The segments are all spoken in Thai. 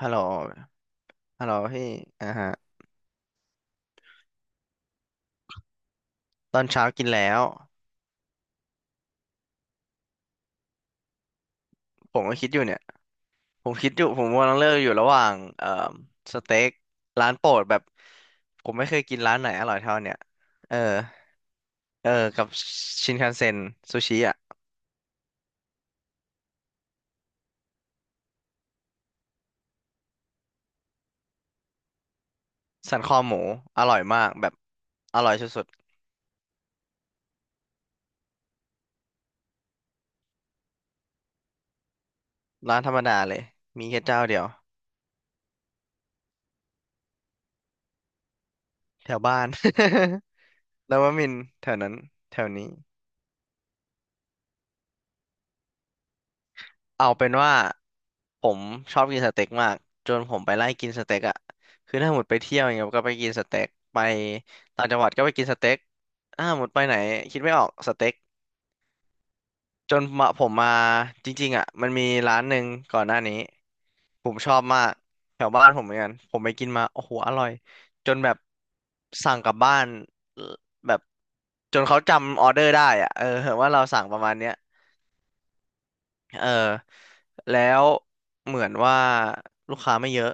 ฮัลโหลฮัลโหลพี่อ่าฮะตอนเช้ากินแล้วผมก็คิดอยู่เนี่ยผมคิดอยู่ผมกำลังเลือกอยู่ระหว่างสเต็กร้านโปรดแบบผมไม่เคยกินร้านไหนอร่อยเท่าเนี่ยเออเออกับชินคันเซ็นซูชิอ่ะสันคอหมูอร่อยมากแบบอร่อยสุดๆร้านธรรมดาเลยมีแค่เจ้าเดียวแถวบ้าน แล้วว่ามินทร์แถวนั้นแถวนี้ เอาเป็นว่าผมชอบกินสเต็กมากจนผมไปไล่กินสเต็กอะคือถ้าหมดไปเที่ยวอย่างเงี้ยก็ไปกินสเต็กไปต่างจังหวัดก็ไปกินสเต็กถ้าหมดไปไหนคิดไม่ออกสเต็กจนมาผมมาจริงๆอะมันมีร้านหนึ่งก่อนหน้านี้ผมชอบมากแถวบ้านผมเหมือนกันผมไปกินมาโอ้โหอร่อยจนแบบสั่งกลับบ้านเอ่อแบบจนเขาจำออเดอร์ได้อะเออว่าเราสั่งประมาณเนี้ยเออแล้วเหมือนว่าลูกค้าไม่เยอะ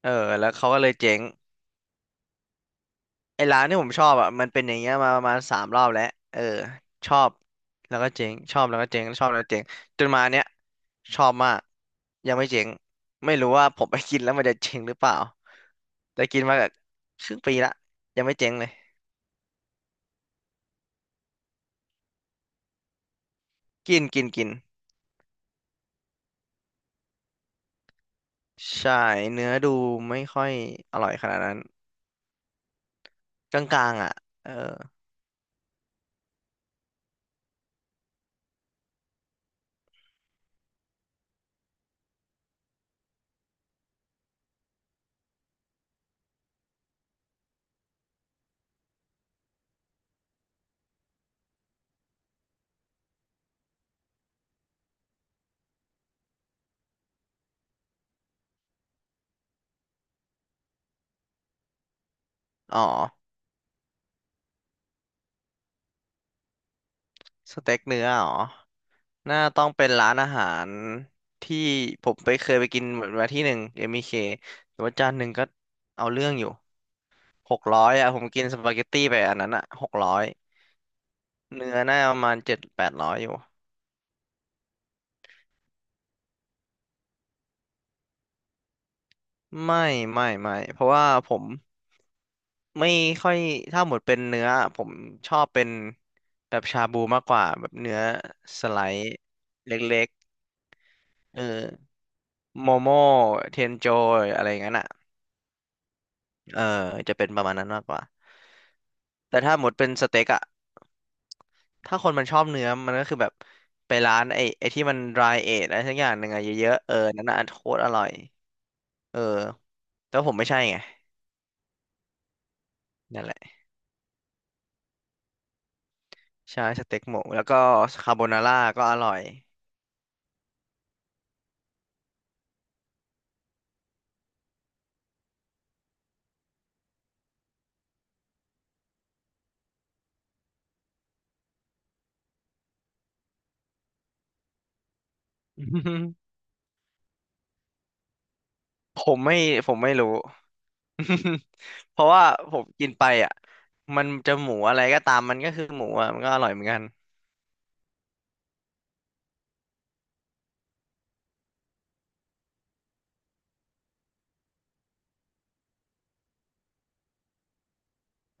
เออแล้วเขาก็เลยเจ๊งไอ้ร้านที่ผมชอบอ่ะมันเป็นอย่างเงี้ยมาประมาณ3 รอบแล้วเออชอบแล้วก็เจ๊งชอบแล้วก็เจ๊งชอบแล้วก็เจ๊งจนมาเนี้ยชอบมากยังไม่เจ๊งไม่รู้ว่าผมไปกินแล้วมันจะเจ๊งหรือเปล่าแต่กินมาแบบครึ่งปีละยังไม่เจ๊งเลยกินกินกินใช่เนื้อดูไม่ค่อยอร่อยขนาดนั้นกลางๆอ่ะเอออ๋อสเต็กเนื้ออ๋อ น่าต้องเป็นร้านอาหารที่ผมไปเคยไปกินเหมือนมาที่หนึ่งเอ็มบีเ k แต่ว่าจานหนึ่งก็เอาเรื่องอยู่หกร้อยอ่ะผมกินสปาเกตตี้ไปอันนั้นอ่ะหกร้อยเนื้อน่าประมาณ700-800อยู่ไม่ไม่เพราะว่าผมไม่ค่อยถ้าหมดเป็นเนื้อผมชอบเป็นแบบชาบูมากกว่าแบบเนื้อสไลด์เล็กๆเออโมโม่เทนโจอะไรอย่างนั้นอ่ะ เออจะเป็นประมาณนั้นมากกว่าแต่ถ้าหมดเป็นสเต็กอะถ้าคนมันชอบเนื้อมันก็คือแบบไปร้านไอ้ที่มัน dry age อะไรสักอย่างหนึ่งอะเยอะๆเออนั่นน่ะโคตรอร่อยเออแต่ผมไม่ใช่ไงนั่นแหละใช่สเต็กหมูแล้วก็คาโบนาร่าก็อร่อย ผมไม่ผมไม่รู้ เพราะว่าผมกินไปอ่ะมันจะหมูอะไรก็ตามมันก็คือหมูอ่ะมันก็อร่อยเหมือนกัน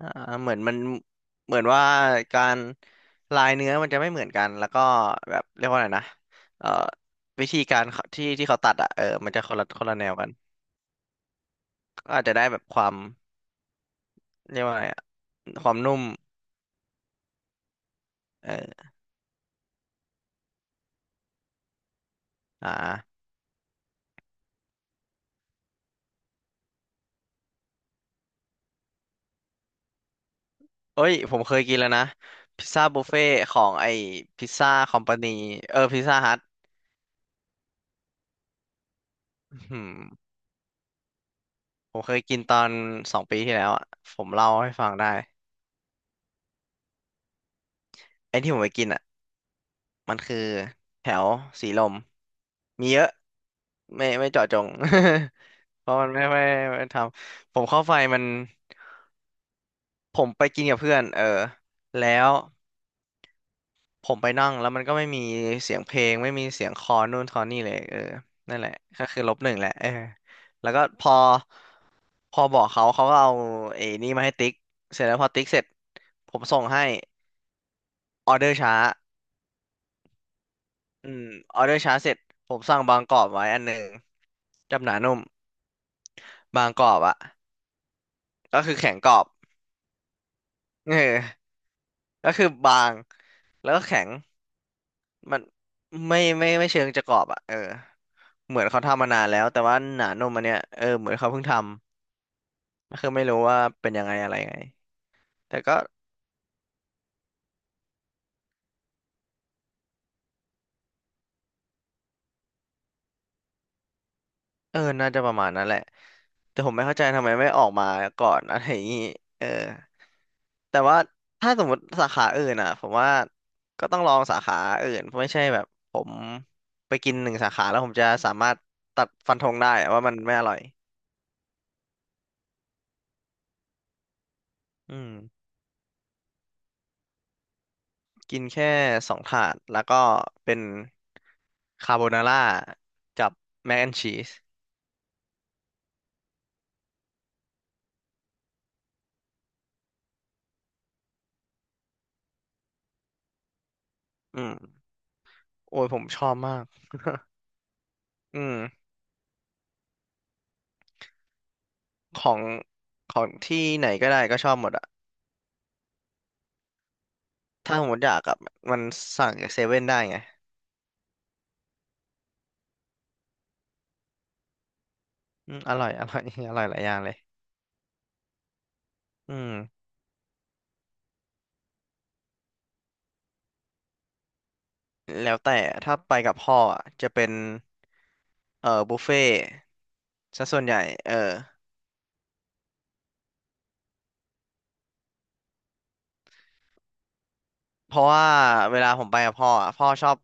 อ่าเหมือนมันเหมือนว่าการลายเนื้อมันจะไม่เหมือนกันแล้วก็แบบเรียกว่าอะไรนะเอ่อวิธีการเขาที่ที่เขาตัดอ่ะเออมันจะคนละคนละแนวกันก็อาจจะได้แบบความเรียกว่าอะไรอะความนุ่มเอออ่าเอ้ยผมเคยกินแล้วนะพิซซ่าบุฟเฟ่ของไอ้พิซซ่าคอมพานีเออพิซซ่าฮัทหืมผมเคยกินตอน2 ปีที่แล้วอ่ะผมเล่าให้ฟังได้ไอ้ที่ผมไปกินอ่ะมันคือแถวสีลมมีเยอะ ไม่ไม่เจาะจง เพราะมันไม่ทำผมเข้าไฟมันผมไปกินกับเพื่อนเออแล้วผมไปนั่งแล้วมันก็ไม่มีเสียงเพลงไม่มีเสียงคอนู่นคอนี่เลยเออนั่นแหละก็คือ-1แหละเออแล้วก็พอพอบอกเขาเขาก็เอาไอ้นี่มาให้ติ๊กเสร็จแล้วพอติ๊กเสร็จผมส่งให้ออเดอร์ช้าอืมออเดอร์ช้าเสร็จผมสั่งบางกรอบไว้อันหนึ่งจับหนานุ่มบางกรอบอะก็คือแข็งกรอบเออ ก็คือบางแล้วก็แข็งมันไม่เชิงจะกรอบอ่ะเออเหมือนเขาทำมานานแล้วแต่ว่าหนานมอันเนี้ยเออเหมือนเขาเพิ่งทำก็คือไม่รู้ว่าเป็นยังไงอะไรไงแต่ก็เออน่าจะประมาณนั้นแหละแต่ผมไม่เข้าใจทำไมไม่ออกมาก่อนอะไรอย่างงี้เออแต่ว่าถ้าสมมติสาขาอื่นอ่ะผมว่าก็ต้องลองสาขาอื่นไม่ใช่แบบผมไปกินหนึ่งสาขาแล้วผมจะสามารถตัดฟันธงได้อะว่ามันไม่อร่อยอืม กินแค่2 ถาดแล้วก็เป็นคาโบนาร่ากับแมคแอนชีส อืมโอ้ยผมชอบมาก อืมของของที่ไหนก็ได้ก็ชอบหมดอะถ้าสมมติอยากกับมันสั่งจากเซเว่นได้ไงอืมอร่อย อร่อย อร่อยหลายอย่างเลย อืมแล้วแต่ถ้าไปกับพ่ออะจะเป็นบุฟเฟ่ซะส่วนใหญ่เออ เพราะว่าเวลาผมไปกับพ่ออะพ่อชอบ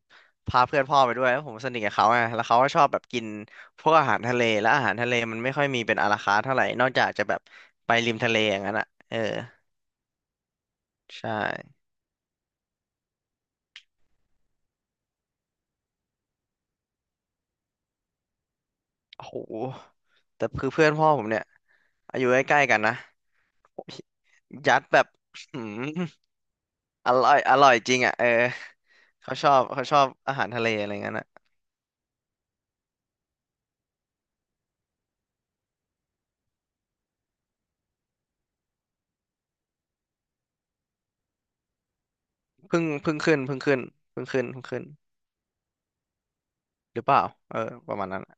พาเพื่อนพ่อไปด้วยแล้วผมสนิทกับเขาไงแล้วเขาก็ชอบแบบกินพวกอาหารทะเลแล้วอาหารทะเลมันไม่ค่อยมีเป็นอาราคาร์ทเท่าไหร่นอกจากจะแบบไปริมทะเลอย่างนั้นอ่ะเออใช่โอ้โหแต่คือเพื่อนพ่อผมเนี่ยอายุใกล้ๆกันนะยัดแบบ หืมอร่อยอร่อยจริงอ่ะเออเขาชอบเขาชอบอาหารทะเลอะไรเงี้ยน่ะเพิ่งเพิ่งขึ้นเพิ่งขึ้นเพิ่งขึ้นเพิ่งขึ้นหรือเปล่าเออประมาณนั้นอะ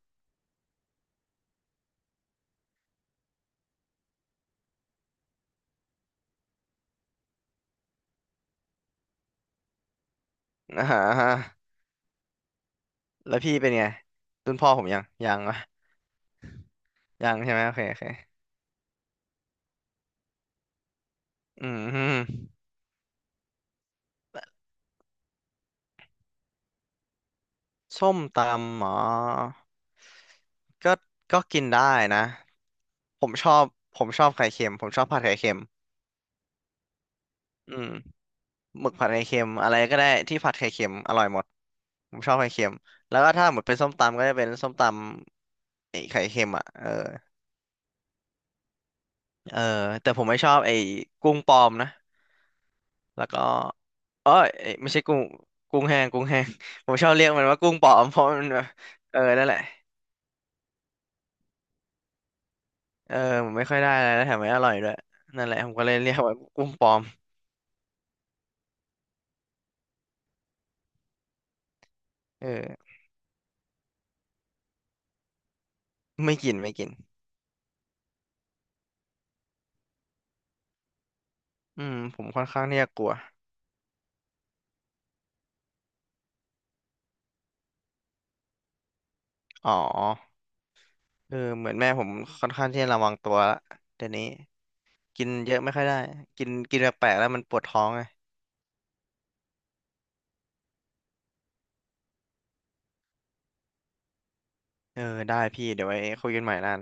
อ่าฮะ แล้วพี่เป็นไงรุ่นพ่อผมยังยังวะยังใช่ไหมโอเคโอเคอืมฮึส้มตำหมอก็ก็กินได้นะผมชอบผมชอบไข่เค็มผมชอบผัดไข่เค็มอืมหมึกผัดไข่เค็มอะไรก็ได้ที่ผัดไข่เค็มอร่อยหมดผมชอบไข่เค็มแล้วก็ถ้าหมดเป็นส้มตำก็จะเป็นส้มตำไอ้ไข่เค็มอ่ะเออเออแต่ผมไม่ชอบไอ้กุ้งปลอมนะแล้วก็เอ้ยไม่ใช่กุ้งกุ้งแห้ง ผมชอบเรียกมันว่ากุ้งปลอมเพราะมันแบบเออนั่นแหละ เออผมไม่ค่อยได้อะไรแล้วแถมไม่อร่อยด้วยนั่นแหละผมก็เลยเรียกว่ากุ้งปลอมเออไม่กินไม่กินอืมผมค่อนข้างที่จะกลัวอ๋อเออเหมือนแม่ผมค่อนข้างที่จะระวังตัวละเดี๋ยวนี้กินเยอะไม่ค่อยได้กินกินแปลกๆแล้วมันปวดท้องไงเออได้พี่เดี๋ยวไว้คุยกันใหม่นะ